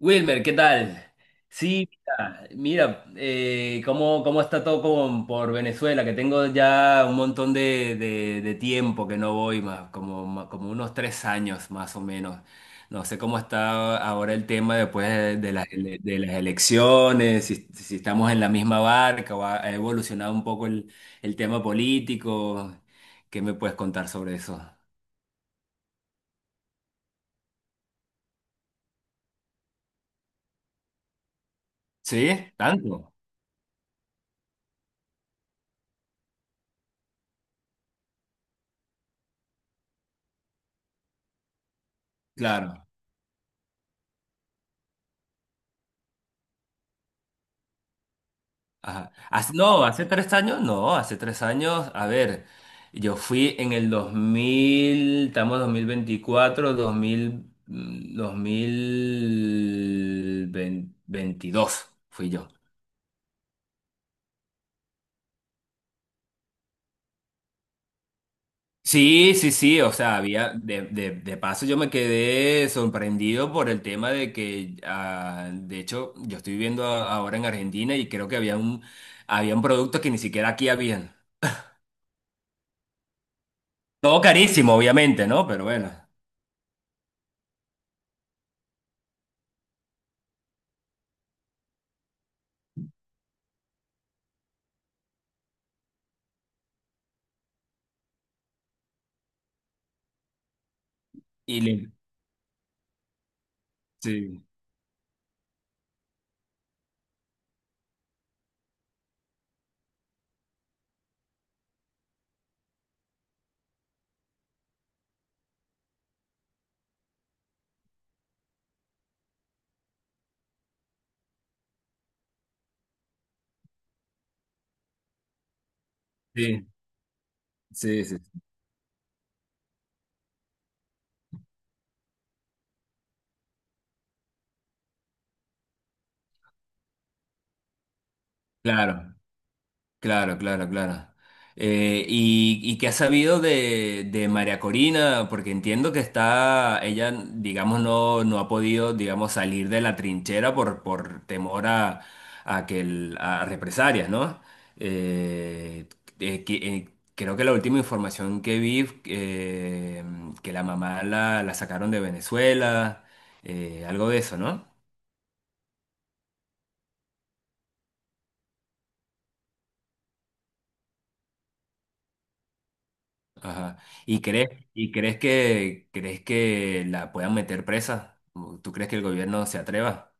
Wilmer, ¿qué tal? Sí, mira, mira, cómo está todo por Venezuela, que tengo ya un montón de tiempo que no voy más, como, como unos 3 años más o menos. No sé cómo está ahora el tema después de las, de las elecciones, si estamos en la misma barca o ha evolucionado un poco el tema político. ¿Qué me puedes contar sobre eso? ¿Sí? ¿Tanto? Claro. Ajá. No, hace 3 años, no, hace tres años, a ver, yo fui en el 2000, estamos 2024, 2000, 2022 fui yo. Sí, sí, sí, o sea, había, de paso yo me quedé sorprendido por el tema de que, ah, de hecho, yo estoy viviendo ahora en Argentina y creo que había un producto que ni siquiera aquí habían. Todo carísimo, obviamente, ¿no? Pero bueno. Y le- sí. Sí, sí, sí. Claro, claro, claro, claro. ¿Y qué has sabido de María Corina? Porque entiendo que está, ella, digamos, no ha podido, digamos, salir de la trinchera por temor a represalias, ¿no? Eh, eh, que- eh, creo que la última información que vi, que la mamá la sacaron de Venezuela, algo de eso, ¿no? Ajá. ¿Y crees, y crees que la puedan meter presa? ¿Tú crees que el gobierno se atreva?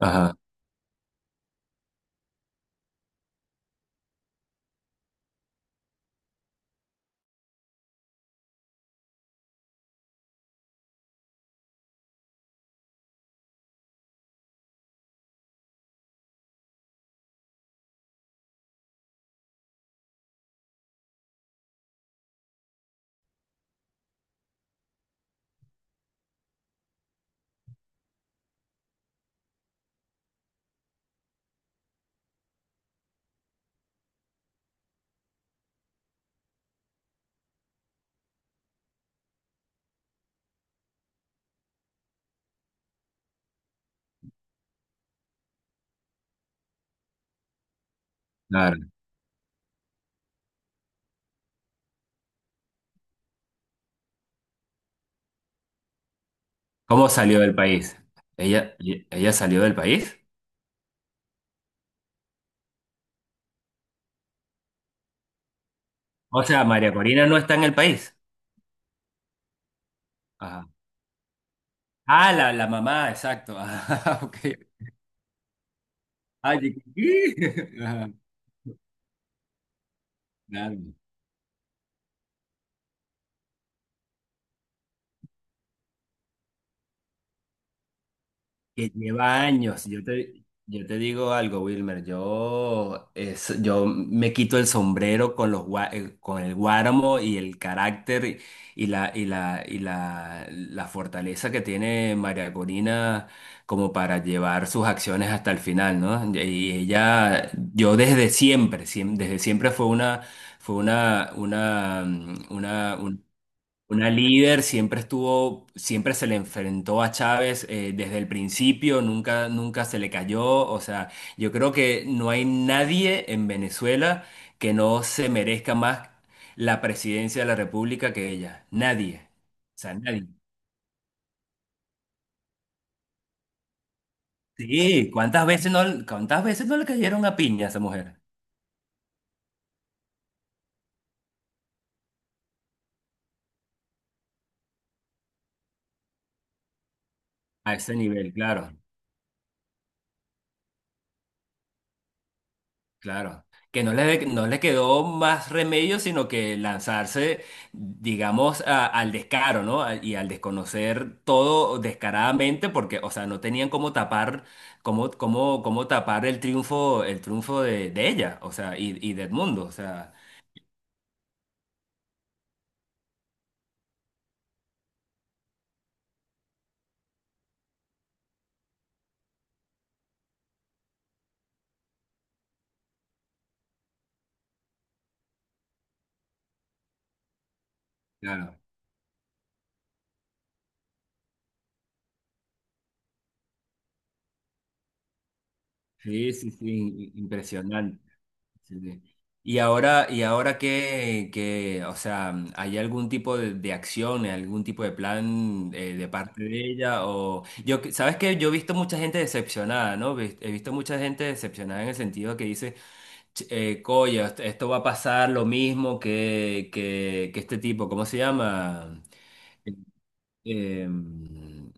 Ajá, claro. ¿Cómo salió del país? ¿Ella, ella salió del país? O sea, María Corina no está en el país. Ajá. Ah, la mamá, exacto. Ajá, ok. Ay, ¿qué? Ajá, claro. Que lleva años. Yo te digo algo, Wilmer. Yo me quito el sombrero con con el Guáramo y el carácter y la fortaleza que tiene María Corina como para llevar sus acciones hasta el final, ¿no? Y ella, yo desde siempre, siem- desde siempre fue una, una una líder, siempre estuvo, siempre se le enfrentó a Chávez, desde el principio, nunca, nunca se le cayó. O sea, yo creo que no hay nadie en Venezuela que no se merezca más la presidencia de la República que ella. Nadie. O sea, nadie. Sí, ¿cuántas veces no le cayeron a piña a esa mujer? A ese nivel, claro. Claro, que no le quedó más remedio sino que lanzarse, digamos, al descaro, ¿no? Y al desconocer todo descaradamente, porque, o sea, no tenían cómo tapar, cómo tapar el triunfo de ella, o sea, y de Edmundo, o sea, claro. Sí, sí, sí, impresionante. Sí. Sí. Y ahora que, o sea, ¿hay algún tipo de acción, algún tipo de plan, de parte de ella? O yo, sabes que yo he visto mucha gente decepcionada, ¿no? He visto mucha gente decepcionada en el sentido que dice, Coño, esto va a pasar lo mismo que, que este tipo, ¿cómo se llama? em,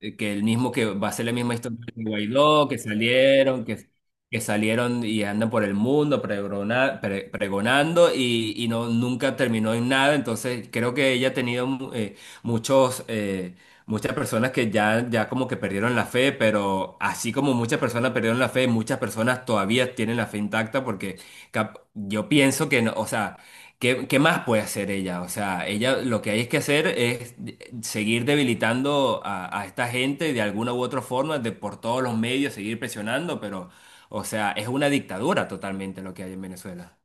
que el mismo que va a ser la misma historia de Guaidó, que salieron, que salieron y andan por el mundo pregonando y no, nunca terminó en nada. Entonces creo que ella ha tenido muchos, eh, muchas personas que ya como que perdieron la fe, pero así como muchas personas perdieron la fe, muchas personas todavía tienen la fe intacta porque yo pienso que no, o sea... ¿Qué más puede hacer ella? O sea, ella lo que hay es que hacer es seguir debilitando a esta gente de alguna u otra forma, de por todos los medios, seguir presionando, pero, o sea, es una dictadura totalmente lo que hay en Venezuela.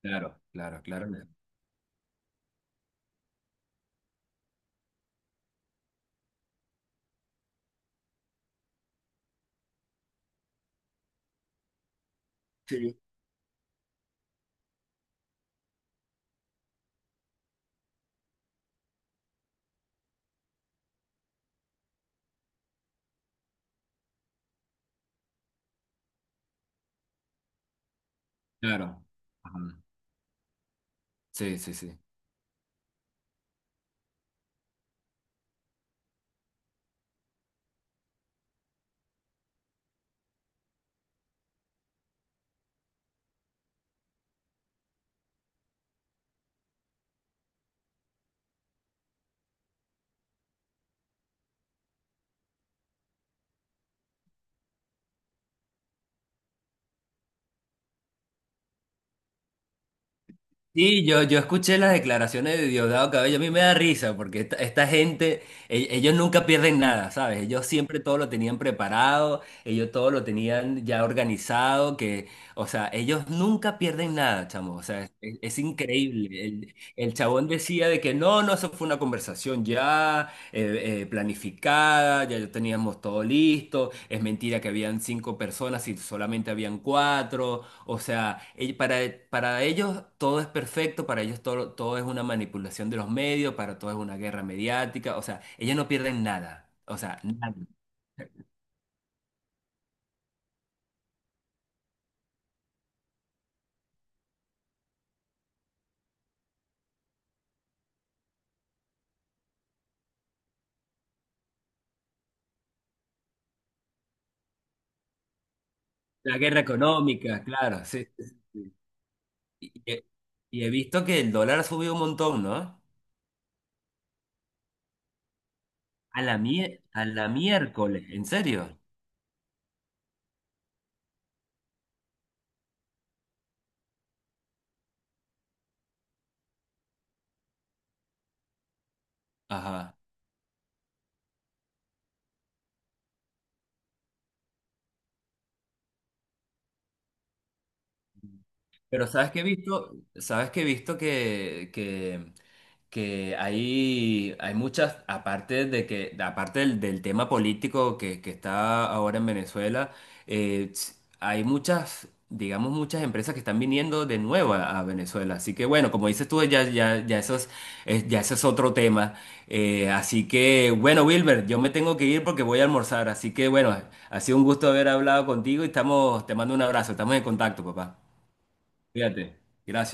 Claro, claro, claro, claro. Ajá. Sí, sí, sí. Sí, yo escuché las declaraciones de Diosdado Cabello, a mí me da risa porque esta gente, ellos nunca pierden nada, ¿sabes? Ellos siempre todo lo tenían preparado, ellos todo lo tenían ya organizado, que, o sea, ellos nunca pierden nada, chamo, o sea, es increíble. El chabón decía de que no, no, eso fue una conversación ya, planificada, ya teníamos todo listo, es mentira que habían cinco personas y solamente habían cuatro. O sea, para ellos todo es perfecto, para ellos todo, es una manipulación de los medios, para todo es una guerra mediática, o sea, ellos no pierden nada, o sea, nada. La guerra económica, claro, sí. Sí, sí. Y, y he y he visto que el dólar ha subido un montón, ¿no? A la, a la miércoles, ¿en serio? Ajá. Pero sabes que he visto, sabes que he visto que hay, muchas, aparte de que, aparte del tema político que está ahora en Venezuela, hay muchas, digamos, muchas empresas que están viniendo de nuevo a Venezuela. Así que bueno, como dices tú, ya, ya, ya eso es, ya eso es otro tema. Así que bueno, Wilber, yo me tengo que ir porque voy a almorzar. Así que bueno, ha sido un gusto haber hablado contigo y estamos, te mando un abrazo, estamos en contacto, papá. Fíjate. Gracias.